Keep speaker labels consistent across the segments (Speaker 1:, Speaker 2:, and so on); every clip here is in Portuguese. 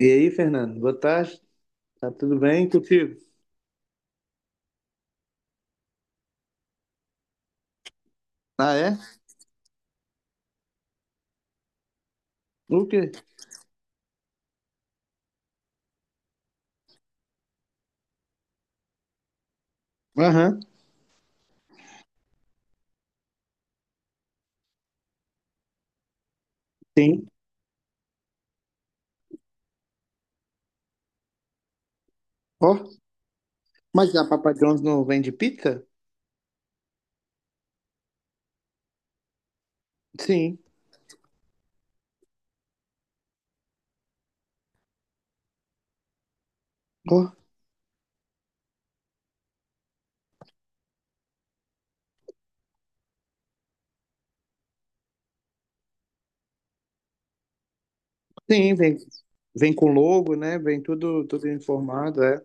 Speaker 1: E aí, Fernando, boa tarde. Tá tudo bem contigo? Ah, é? O quê? Aham, sim. Ó, mas a Papa John's não vende pizza? Sim. Ó, sim, vem, vem com logo, né? Vem tudo, tudo informado, é.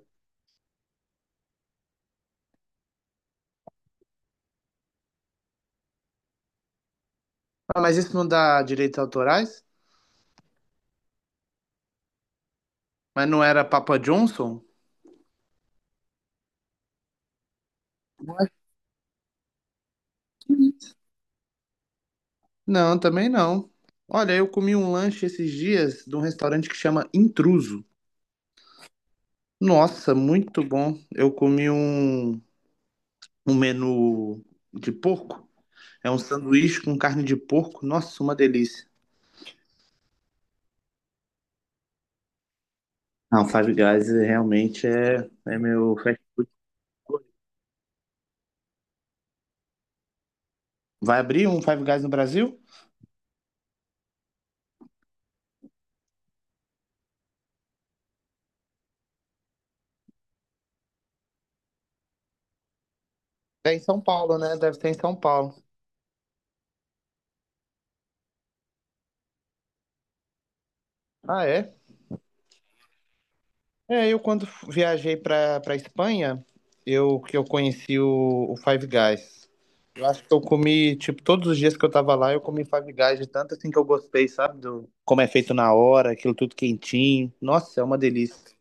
Speaker 1: Ah, mas isso não dá direitos autorais? Mas não era Papa Johnson? Não, também não. Olha, eu comi um lanche esses dias de um restaurante que chama Intruso. Nossa, muito bom. Eu comi um menu de porco. É um sanduíche com carne de porco. Nossa, uma delícia. Não, Five Guys realmente é meu fast food. Vai abrir um Five Guys no Brasil? É em São Paulo, né? Deve ser em São Paulo. Ah, é? É, eu quando viajei pra Espanha, eu que eu conheci o Five Guys. Eu acho que eu comi, tipo, todos os dias que eu tava lá, eu comi Five Guys de tanto assim que eu gostei, sabe? Do, como é feito na hora, aquilo tudo quentinho. Nossa, é uma delícia.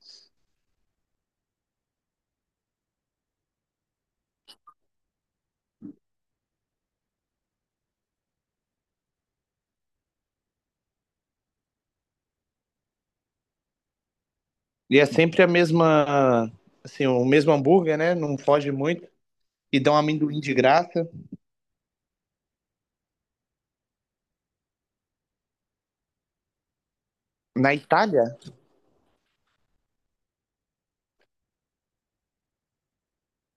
Speaker 1: E é sempre a mesma, assim, o mesmo hambúrguer, né? Não foge muito. E dão amendoim de graça. Na Itália?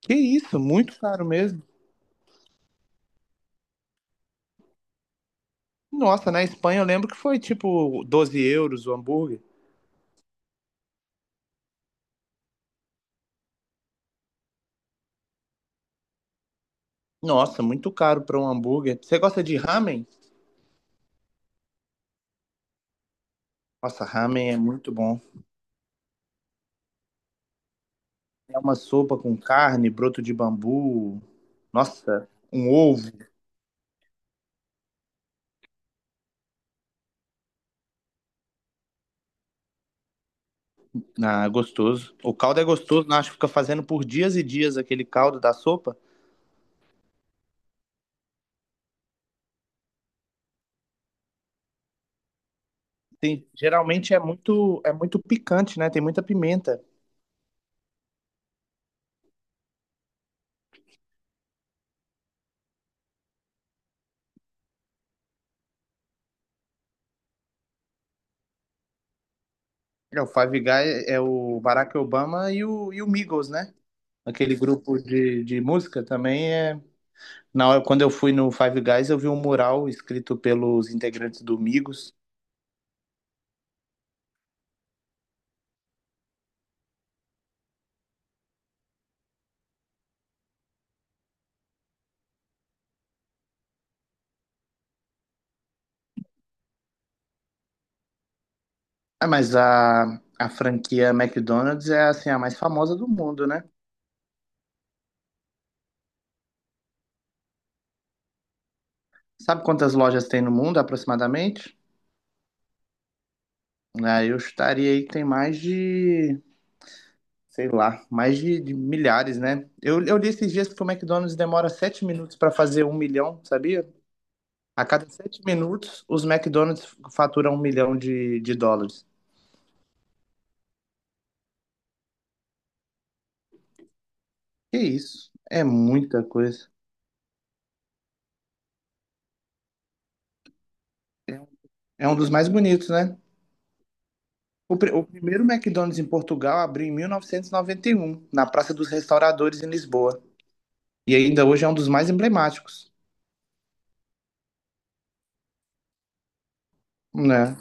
Speaker 1: Que isso, muito caro mesmo. Nossa, na Espanha eu lembro que foi tipo 12 euros o hambúrguer. Nossa, muito caro para um hambúrguer. Você gosta de ramen? Nossa, ramen é muito bom. É uma sopa com carne, broto de bambu. Nossa, um ovo. Ah, gostoso. O caldo é gostoso, não acho que fica fazendo por dias e dias aquele caldo da sopa. Tem, geralmente é muito picante, né? Tem muita pimenta. É, o Five Guys é o Barack Obama e o Migos, né? Aquele grupo de música também é. Na hora, quando eu fui no Five Guys, eu vi um mural escrito pelos integrantes do Migos. Ah, mas a franquia McDonald's é assim a mais famosa do mundo, né? Sabe quantas lojas tem no mundo aproximadamente? Ah, eu estaria aí que tem mais de sei lá, mais de milhares, né? Eu li esses dias que o McDonald's demora 7 minutos para fazer 1 milhão, sabia? A cada 7 minutos, os McDonald's faturam 1 milhão de dólares. Que isso? É muita coisa. É um é um dos mais bonitos, né? O primeiro McDonald's em Portugal abriu em 1991, na Praça dos Restauradores, em Lisboa. E ainda hoje é um dos mais emblemáticos, né?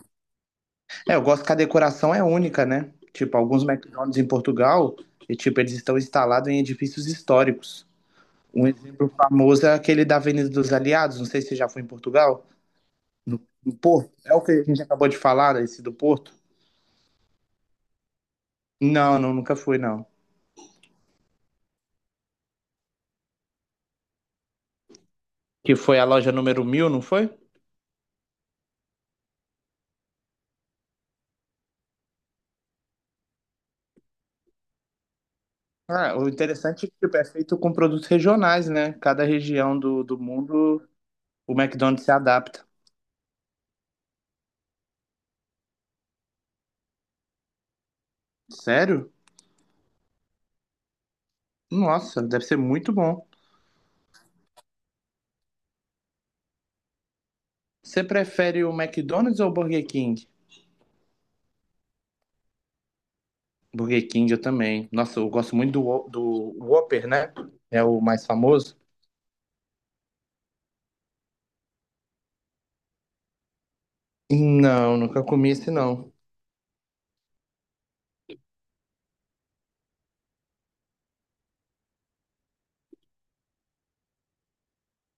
Speaker 1: É, eu gosto que a decoração é única, né? Tipo, alguns McDonald's em Portugal, e, tipo, eles estão instalados em edifícios históricos. Um exemplo famoso é aquele da Avenida dos Aliados, não sei se você já foi em Portugal. No Porto, é o que a gente acabou de falar, esse do Porto? Não, não, nunca fui, não. Que foi a loja número 1.000, não foi? Ah, o interessante é que tipo, é feito com produtos regionais, né? Cada região do mundo, o McDonald's se adapta. Sério? Nossa, deve ser muito bom. Você prefere o McDonald's ou o Burger King? Burger King eu também. Nossa, eu gosto muito do Whopper, né? É o mais famoso. Não, nunca comi esse não.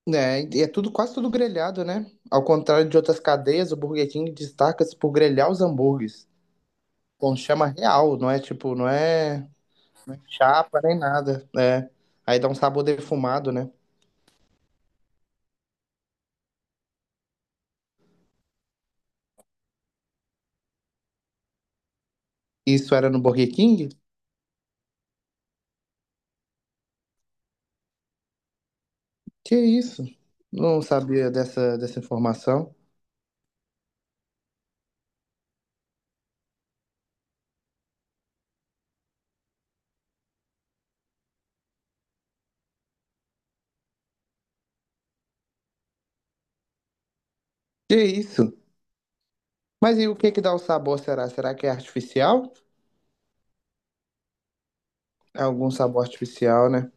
Speaker 1: É, e é tudo quase tudo grelhado, né? Ao contrário de outras cadeias, o Burger King destaca-se por grelhar os hambúrgueres. Com chama real, não é tipo, não é chapa nem nada, né? Aí dá um sabor defumado, né? Isso era no Burger King? Que isso? Não sabia dessa informação. Que isso? Mas e o que que dá o sabor, será? Será que é artificial? Algum sabor artificial, né?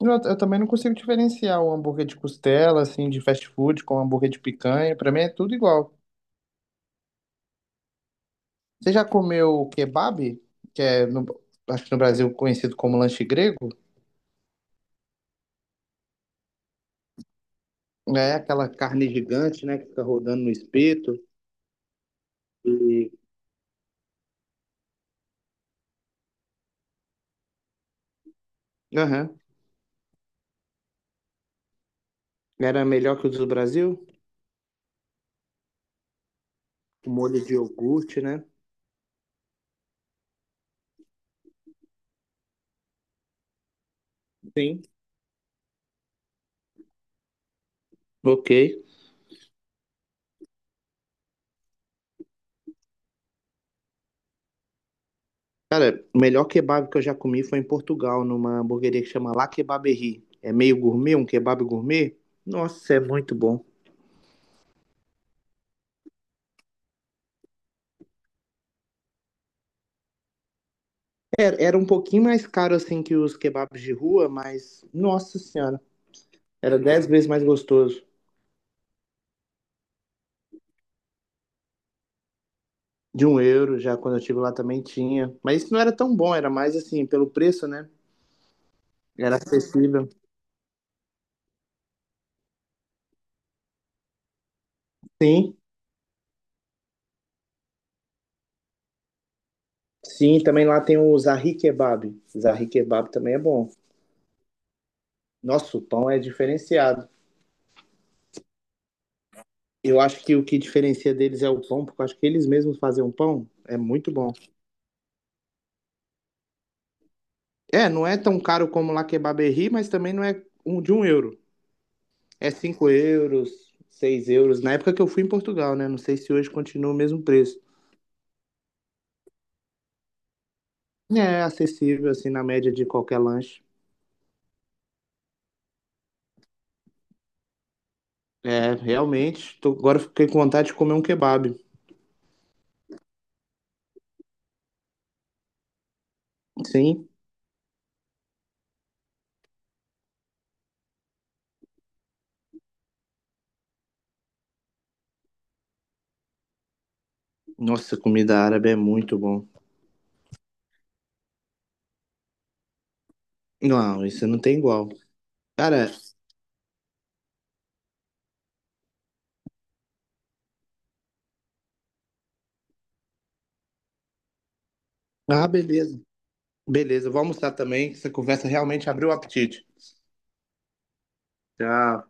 Speaker 1: Eu também não consigo diferenciar o hambúrguer de costela, assim, de fast food com um hambúrguer de picanha. Pra mim é tudo igual. Você já comeu kebab? Que é, acho que no Brasil conhecido como lanche grego? É aquela carne gigante, né? Que fica rodando no espeto. E... Aham. Era melhor que o do Brasil? Com molho de iogurte, né? Sim. Ok. O melhor kebab que eu já comi foi em Portugal, numa hamburgueria que chama La Kebaberie. É meio gourmet, um kebab gourmet. Nossa, é muito bom. Era um pouquinho mais caro assim que os kebabs de rua, mas nossa senhora, era 10 vezes mais gostoso. De um euro, já quando eu estive lá também tinha. Mas isso não era tão bom, era mais assim, pelo preço, né? Era acessível. Sim, sim, também lá tem o Zahri Kebab. Zahri Kebab também é bom. Nossa, o pão é diferenciado. Eu acho que o que diferencia deles é o pão, porque eu acho que eles mesmos fazem um pão. É muito bom. É, não é tão caro como lá Kebaberri, mas também não é um, de um euro. É 5 euros, 6 euros. Na época que eu fui em Portugal, né? Não sei se hoje continua o mesmo preço. É acessível, assim, na média de qualquer lanche. É, realmente. Tô, agora eu fiquei com vontade de comer um kebab. Sim. Nossa, comida árabe é muito bom. Não, isso não tem igual. Cara, ah, beleza. Beleza, eu vou almoçar também, que essa conversa realmente abriu o apetite. Tchau.